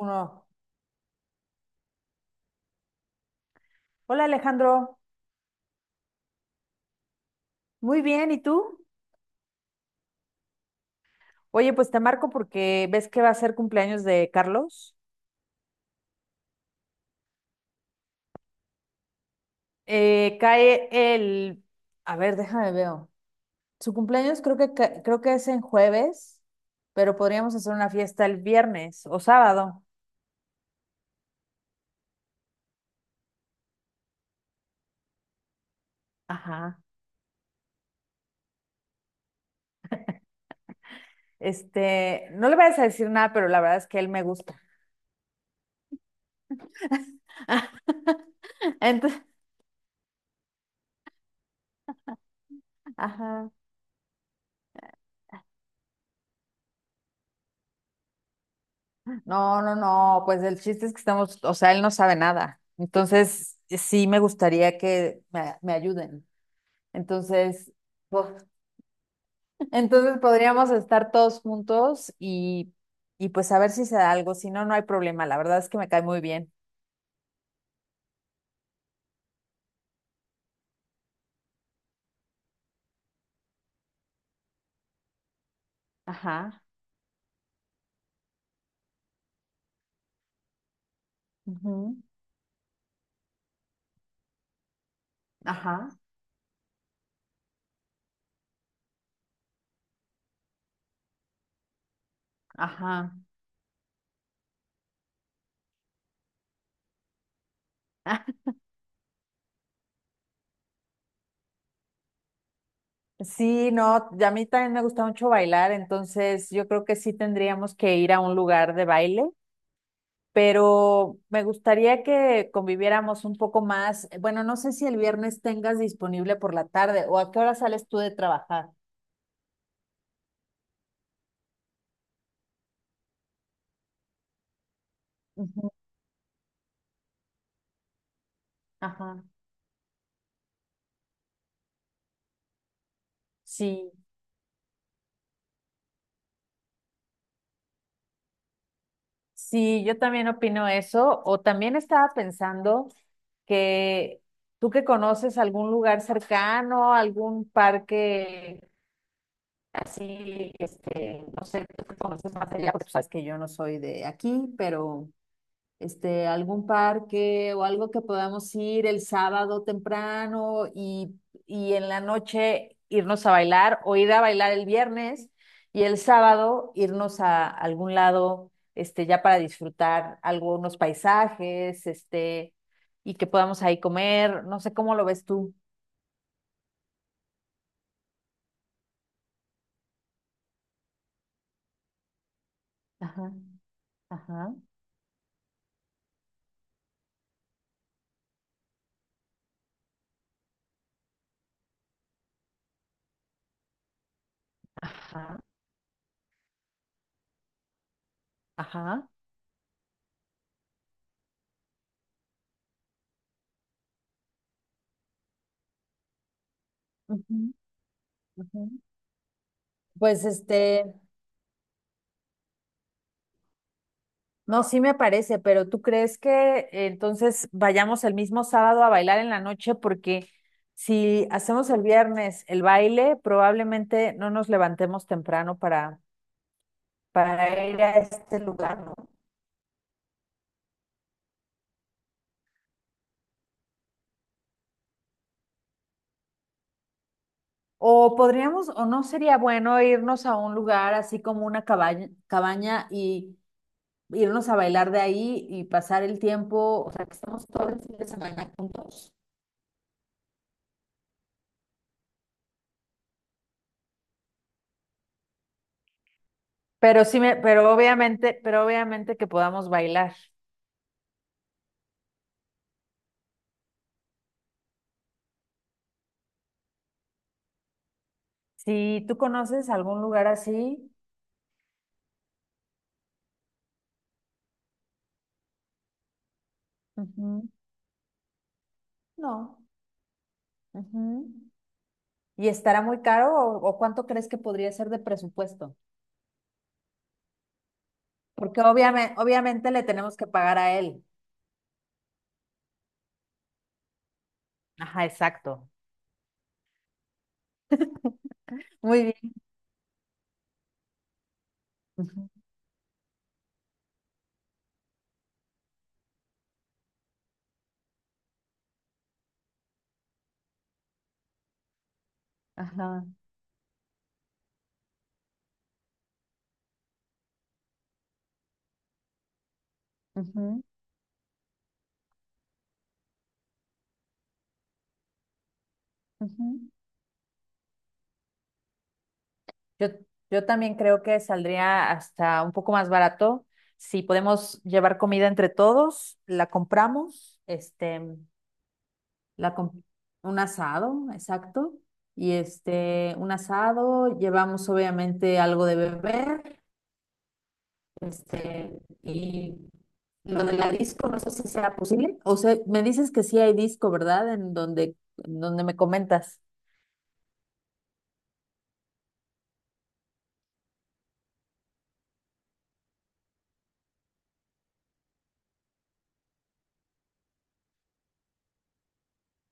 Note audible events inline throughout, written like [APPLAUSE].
Uno. Hola Alejandro, muy bien, ¿y tú? Oye, pues te marco porque ves que va a ser cumpleaños de Carlos. Cae el, a ver, déjame veo. Su cumpleaños creo que creo que es en jueves, pero podríamos hacer una fiesta el viernes o sábado. Ajá. Este, no le vayas a decir nada, pero la verdad es que él me gusta. [LAUGHS] Entonces, ajá. No, pues el chiste es que estamos, o sea, él no sabe nada. Entonces, sí me gustaría que me ayuden. Entonces, bo- [LAUGHS] entonces podríamos estar todos juntos y pues a ver si se da algo. Si no, no hay problema. La verdad es que me cae muy bien. Ajá, ujú, ajá, ajá. [LAUGHS] Sí, no, y a mí también me gusta mucho bailar, entonces yo creo que sí tendríamos que ir a un lugar de baile, pero me gustaría que conviviéramos un poco más. Bueno, no sé si el viernes tengas disponible por la tarde o a qué hora sales tú de trabajar. Ujú, ajá. Sí, sí, yo también opino eso. O también estaba pensando que tú que conoces algún lugar cercano, algún parque así, este, no sé, tú que conoces más allá, porque sabes que yo no soy de aquí, pero este, algún parque o algo que podamos ir el sábado temprano, y en la noche irnos a bailar o ir a bailar el viernes y el sábado irnos a algún lado, este, ya para disfrutar algunos paisajes, este, y que podamos ahí comer, no sé cómo lo ves tú. Ajá, ajá, ajá, ajá. Ujú, ujú. Pues este, no, sí me parece, pero ¿tú crees que entonces vayamos el mismo sábado a bailar en la noche? Porque si hacemos el viernes el baile, probablemente no nos levantemos temprano para ir a este lugar, ¿no? O podríamos, o no sería bueno irnos a un lugar así como una cabaña y irnos a bailar de ahí y pasar el tiempo, o sea, que estemos todo el fin de semana juntos. Pero pero obviamente que podamos bailar. Si tú conoces algún lugar así, ujú, no. Ujú. ¿Y estará muy caro o cuánto crees que podría ser de presupuesto? Porque obviamente le tenemos que pagar a él. Ajá, exacto. Muy bien. Ujú, ajá. Ujú, ujú. Yo, yo también creo que saldría hasta un poco más barato. Si podemos llevar comida entre todos, la compramos. Este, La, com- un asado, exacto. Y este, un asado, llevamos obviamente algo de beber, este, y lo de la disco, no sé si sea posible. O sea, me dices que sí hay disco, ¿verdad? En donde me comentas.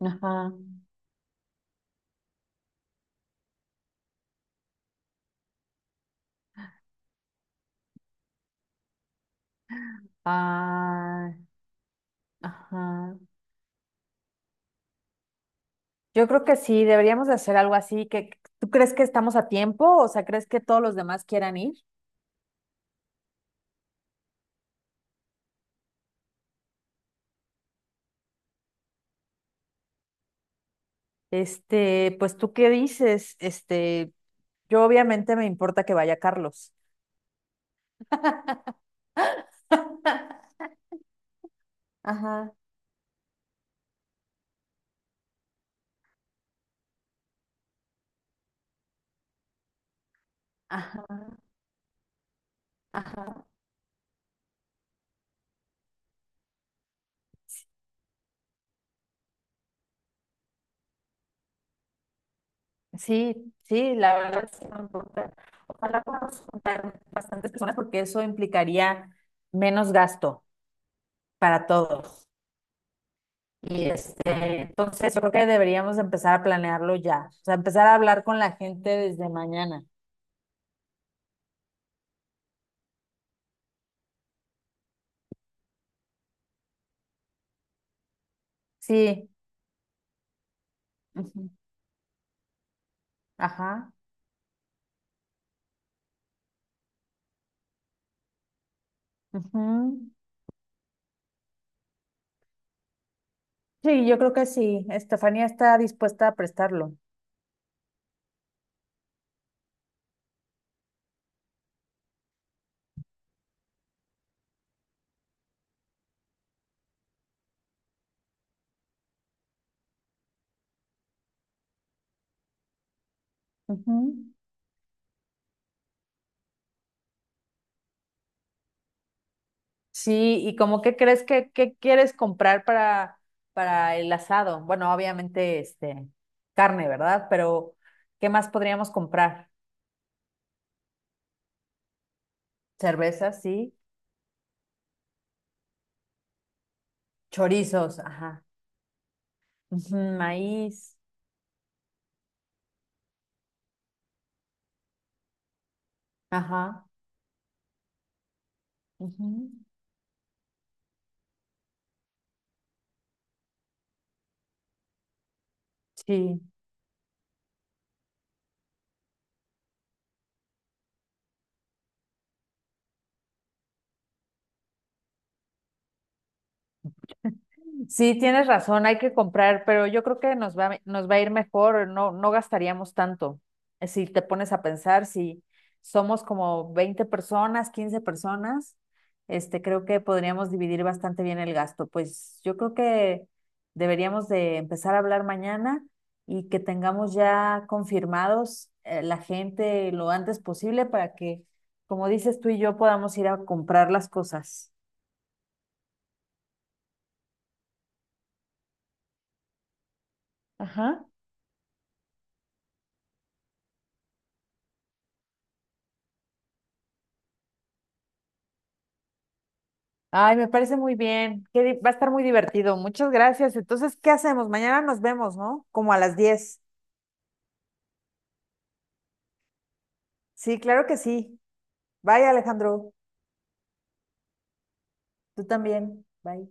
Ajá. Ah, ajá. Yo creo que sí, deberíamos de hacer algo así. Que, ¿tú crees que estamos a tiempo? O sea, ¿crees que todos los demás quieran ir? Este, pues tú qué dices, este, yo obviamente me importa que vaya Carlos. [LAUGHS] Ajá, ajá, ajá. Sí, sí, la verdad sí me importa. Ojalá podamos juntar bastantes personas porque eso implicaría menos gasto para todos. Y este, entonces yo creo que deberíamos empezar a planearlo ya. O sea, empezar a hablar con la gente desde mañana. Sí, ujú, ajá, ujú. Sí, yo creo que sí. Estefanía está dispuesta a prestarlo. Ujú. Sí, y como qué crees que qué quieres comprar para el asado? Bueno, obviamente este carne, ¿verdad? Pero ¿qué más podríamos comprar? Cervezas, sí, chorizos, ajá. Ujú, maíz, ajá. Ujú, sí. Sí, tienes razón, hay que comprar, pero yo creo que nos va a ir mejor, no, no gastaríamos tanto. Si te pones a pensar, si somos como 20 personas, 15 personas, este, creo que podríamos dividir bastante bien el gasto. Pues yo creo que deberíamos de empezar a hablar mañana y que tengamos ya confirmados la gente lo antes posible para que, como dices tú y yo, podamos ir a comprar las cosas. Ajá. Ay, me parece muy bien. Qué va a estar muy divertido. Muchas gracias. Entonces, ¿qué hacemos? Mañana nos vemos, ¿no? Como a las 10. Sí, claro que sí. Bye, Alejandro. Tú también. Bye.